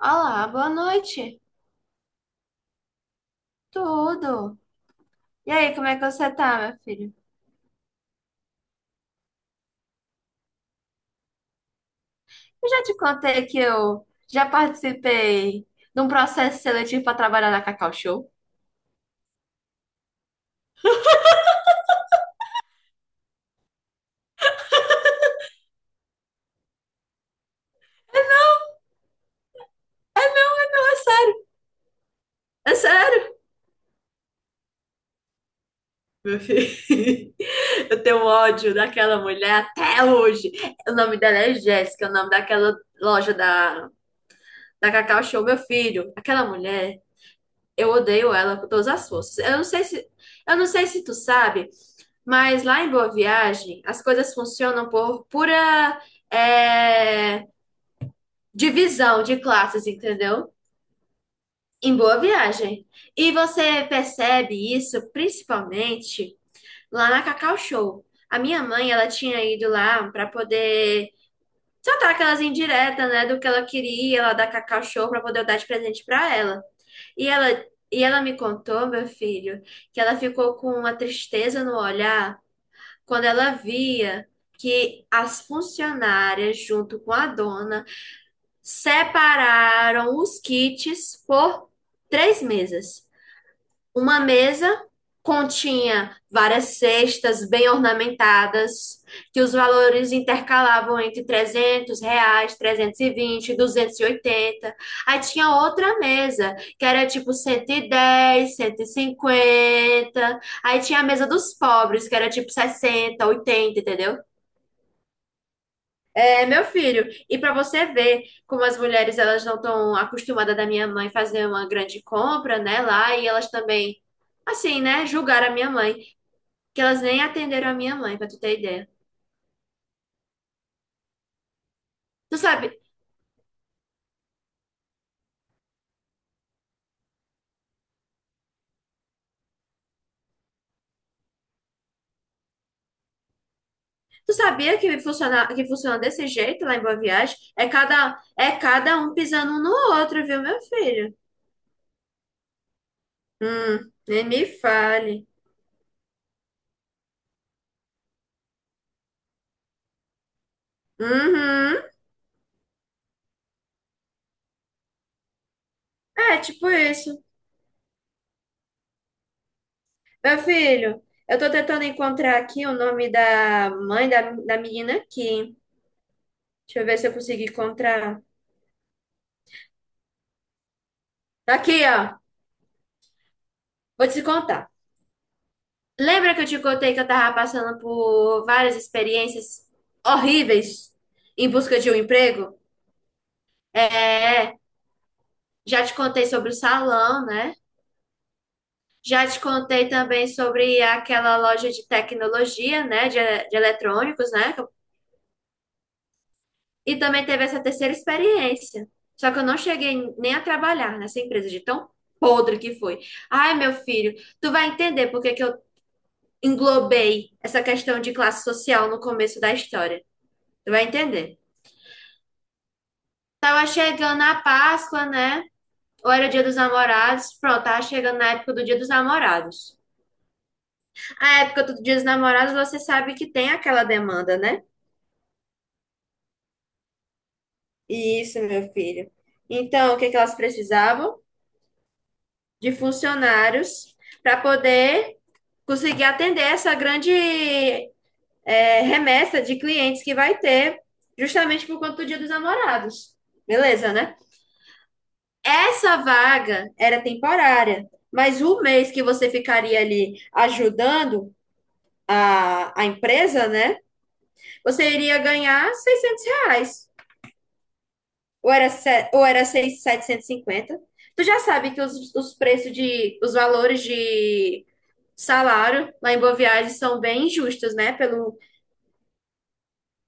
Olá, boa noite. Tudo. E aí, como é que você tá, meu filho? Eu já te contei que eu já participei de um processo seletivo para trabalhar na Cacau Show. É sério, meu filho. Eu tenho ódio daquela mulher até hoje. O nome dela é Jéssica, o nome daquela loja da Cacau Show, meu filho. Aquela mulher, eu odeio ela com todas as forças. Eu não sei se tu sabe. Mas lá em Boa Viagem, as coisas funcionam por pura é, divisão de classes, entendeu? Em Boa Viagem. E você percebe isso principalmente lá na Cacau Show. A minha mãe, ela tinha ido lá para poder soltar aquelas indiretas, né, do que ela queria lá da Cacau Show para poder eu dar de presente para ela. E ela e ela me contou, meu filho, que ela ficou com uma tristeza no olhar quando ela via que as funcionárias, junto com a dona, separaram os kits por três mesas. Uma mesa continha várias cestas bem ornamentadas, que os valores intercalavam entre R$ 300, 320, 280. Aí tinha outra mesa, que era tipo cento e dez, 150. Aí tinha a mesa dos pobres, que era tipo 60, 80, entendeu? É, meu filho. E para você ver como as mulheres elas não estão acostumadas da minha mãe fazer uma grande compra, né, lá, e elas também, assim, né, julgaram a minha mãe, que elas nem atenderam a minha mãe, para tu ter ideia. Tu sabe, tu sabia que funciona desse jeito lá em Boa Viagem? É cada um pisando um no outro, viu, meu filho? Nem me fale. Uhum. É, tipo isso. Meu filho, eu tô tentando encontrar aqui o nome da mãe da menina aqui. Deixa eu ver se eu consigo encontrar. Tá aqui, ó. Vou te contar. Lembra que eu te contei que eu tava passando por várias experiências horríveis em busca de um emprego? É, já te contei sobre o salão, né? Já te contei também sobre aquela loja de tecnologia, né? De eletrônicos, né? E também teve essa terceira experiência. Só que eu não cheguei nem a trabalhar nessa empresa de tão podre que foi. Ai, meu filho, tu vai entender por que que eu englobei essa questão de classe social no começo da história. Tu vai entender. Tava chegando a Páscoa, né? Ou era o Dia dos Namorados? Pronto, tava chegando na época do Dia dos Namorados. A época do Dia dos Namorados, você sabe que tem aquela demanda, né? Isso, meu filho. Então, o que que elas precisavam? De funcionários para poder conseguir atender essa grande remessa de clientes que vai ter, justamente por conta do Dia dos Namorados. Beleza, né? Essa vaga era temporária, mas o mês que você ficaria ali ajudando a empresa, né? Você iria ganhar R$ 600. Ou era, se- ou era 750. Tu já sabe que os valores de salário lá em Boa Viagem são bem injustos, né? Pelo...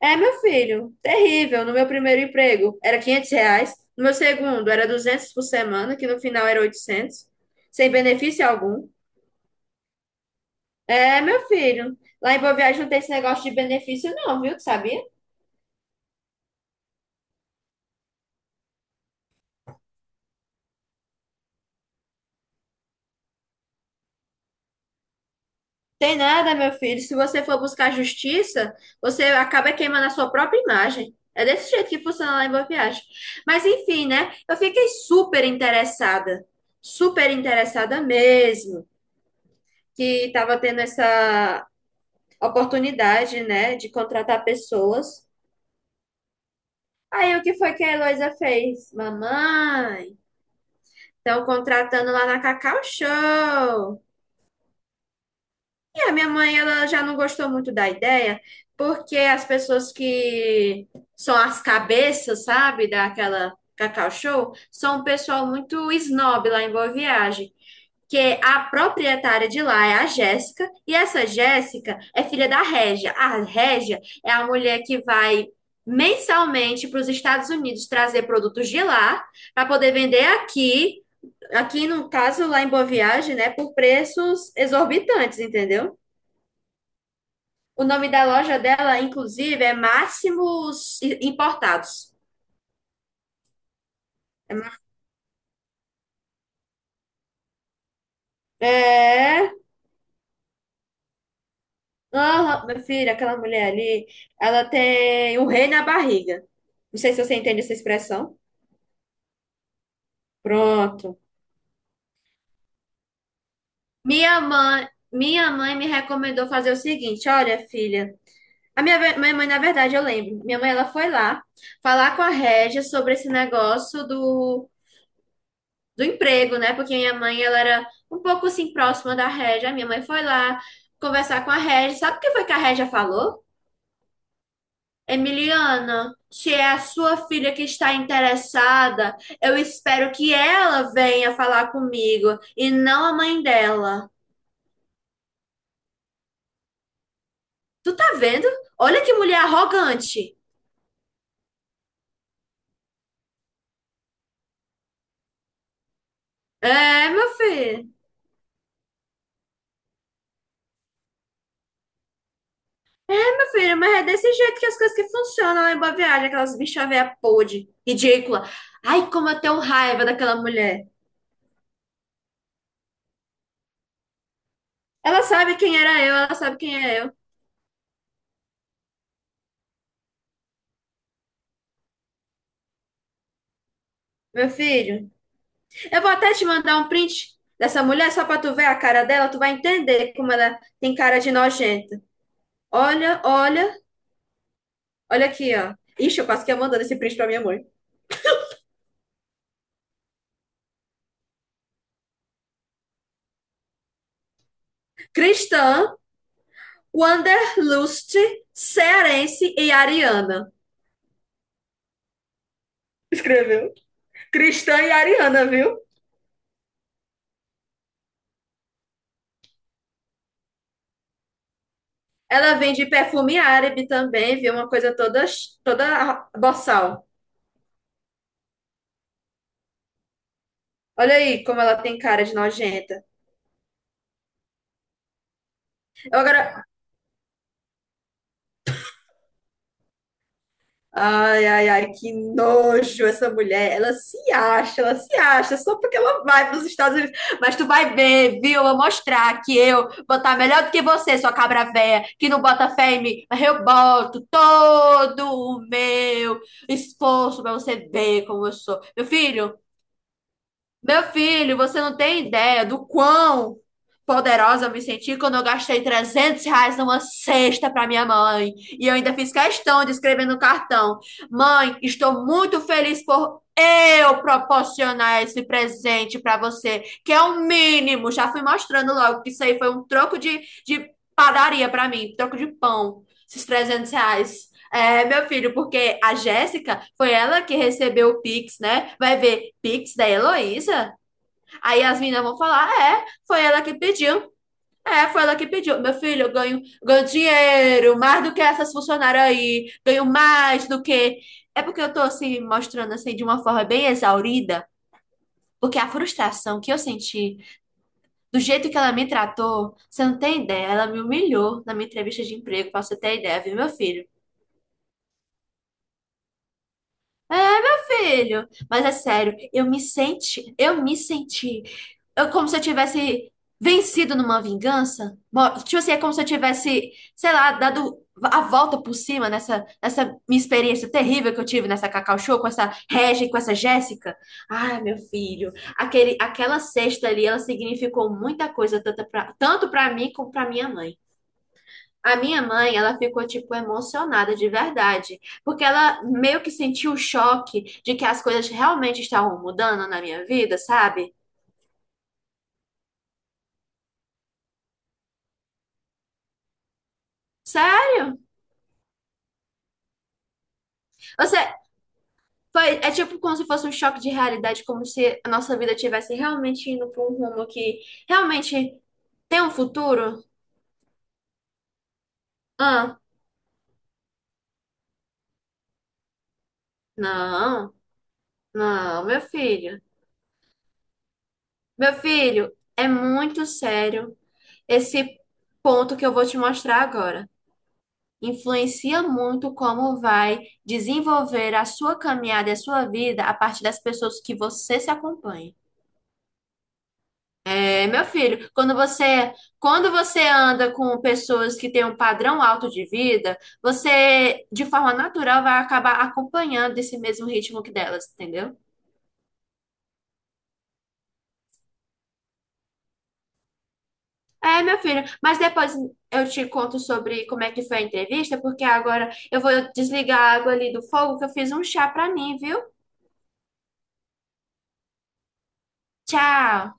É, meu filho, terrível. No meu primeiro emprego era R$ 500. No meu segundo era 200 por semana, que no final era 800, sem benefício algum. É, meu filho. Lá em Boa Viagem não tem esse negócio de benefício, não, viu? Tu sabia? Tem nada, meu filho. Se você for buscar justiça, você acaba queimando a sua própria imagem. É desse jeito que funciona lá em Boa Viagem. Mas enfim, né? Eu fiquei super interessada mesmo, que estava tendo essa oportunidade, né, de contratar pessoas. Aí o que foi que a Heloísa fez? Mamãe, estão contratando lá na Cacau Show. É, minha mãe ela já não gostou muito da ideia, porque as pessoas que são as cabeças, sabe, daquela Cacau Show, são um pessoal muito snob lá em Boa Viagem. Que a proprietária de lá é a Jéssica, e essa Jéssica é filha da Régia. A Régia é a mulher que vai mensalmente para os Estados Unidos trazer produtos de lá para poder vender aqui, no caso lá em Boa Viagem, né, por preços exorbitantes, entendeu? O nome da loja dela, inclusive, é Máximos Importados. É. Aham, meu filho, aquela mulher ali, ela tem um rei na barriga. Não sei se você entende essa expressão. Pronto. Minha mãe, minha mãe me recomendou fazer o seguinte: olha, filha. Minha mãe, na verdade, eu lembro. Minha mãe, ela foi lá falar com a Régia sobre esse negócio do emprego, né? Porque minha mãe, ela era um pouco assim próxima da Régia. A minha mãe foi lá conversar com a Régia. Sabe o que foi que a Régia falou? Emiliana, se é a sua filha que está interessada, eu espero que ela venha falar comigo e não a mãe dela. Tu tá vendo? Olha que mulher arrogante. É, meu filho. É, meu filho, mas é desse jeito que as coisas que funcionam lá em Boa Viagem, aquelas bichas véia podre, ridícula. Ai, como eu tenho raiva daquela mulher. Ela sabe quem era eu, ela sabe quem é eu. Meu filho, eu vou até te mandar um print dessa mulher só pra tu ver a cara dela, tu vai entender como ela tem cara de nojenta. Olha, olha, olha aqui, ó. Ixi, eu quase que ia mandando esse print pra minha mãe. Cristã, Wanderlust, Cearense e Ariana. Escreveu. Cristã e Ariana, viu? Ela vende perfume árabe também, viu? Uma coisa toda boçal. Olha aí como ela tem cara de nojenta. Eu agora, Ai, ai, ai, que nojo essa mulher. Ela se acha, só porque ela vai para os Estados Unidos. Mas tu vai ver, viu? Eu vou mostrar que eu vou estar melhor do que você, sua cabra véia, que não bota fé em mim. Mas eu boto todo o meu esforço para você ver como eu sou. Meu filho, você não tem ideia do quão poderosa eu me senti quando eu gastei R$ 300 numa cesta para minha mãe. E eu ainda fiz questão de escrever no cartão: Mãe, estou muito feliz por eu proporcionar esse presente para você, que é o mínimo. Já fui mostrando logo que isso aí foi um troco de padaria para mim, troco de pão, esses R$ 300. É, meu filho, porque a Jéssica foi ela que recebeu o Pix, né? Vai ver Pix da Heloísa? Aí as meninas vão falar: é, foi ela que pediu. É, foi ela que pediu. Meu filho, eu ganho dinheiro, mais do que essas funcionárias aí, ganho mais do que. É porque eu tô assim, mostrando assim de uma forma bem exaurida, porque a frustração que eu senti, do jeito que ela me tratou, você não tem ideia, ela me humilhou na minha entrevista de emprego, pra você ter ideia, viu, meu filho? É, meu filho. Mas é sério, eu me senti, eu me senti. Como se eu tivesse vencido numa vingança. Tipo assim, é como se eu tivesse, sei lá, dado a volta por cima nessa minha experiência terrível que eu tive nessa Cacau Show com essa Regia e com essa Jéssica. Ai, meu filho, aquela cesta ali, ela significou muita coisa, tanto pra mim como pra minha mãe. A minha mãe, ela ficou, tipo, emocionada de verdade, porque ela meio que sentiu o choque de que as coisas realmente estavam mudando na minha vida, sabe? Sério? Você é tipo como se fosse um choque de realidade, como se a nossa vida tivesse realmente indo para um rumo que realmente tem um futuro? Ah, não, não, meu filho. Meu filho, é muito sério esse ponto que eu vou te mostrar agora. Influencia muito como vai desenvolver a sua caminhada e a sua vida a partir das pessoas que você se acompanha. É, meu filho, quando você anda com pessoas que têm um padrão alto de vida, você de forma natural vai acabar acompanhando esse mesmo ritmo que delas, entendeu? É, meu filho, mas depois eu te conto sobre como é que foi a entrevista, porque agora eu vou desligar a água ali do fogo que eu fiz um chá pra mim, viu? Tchau!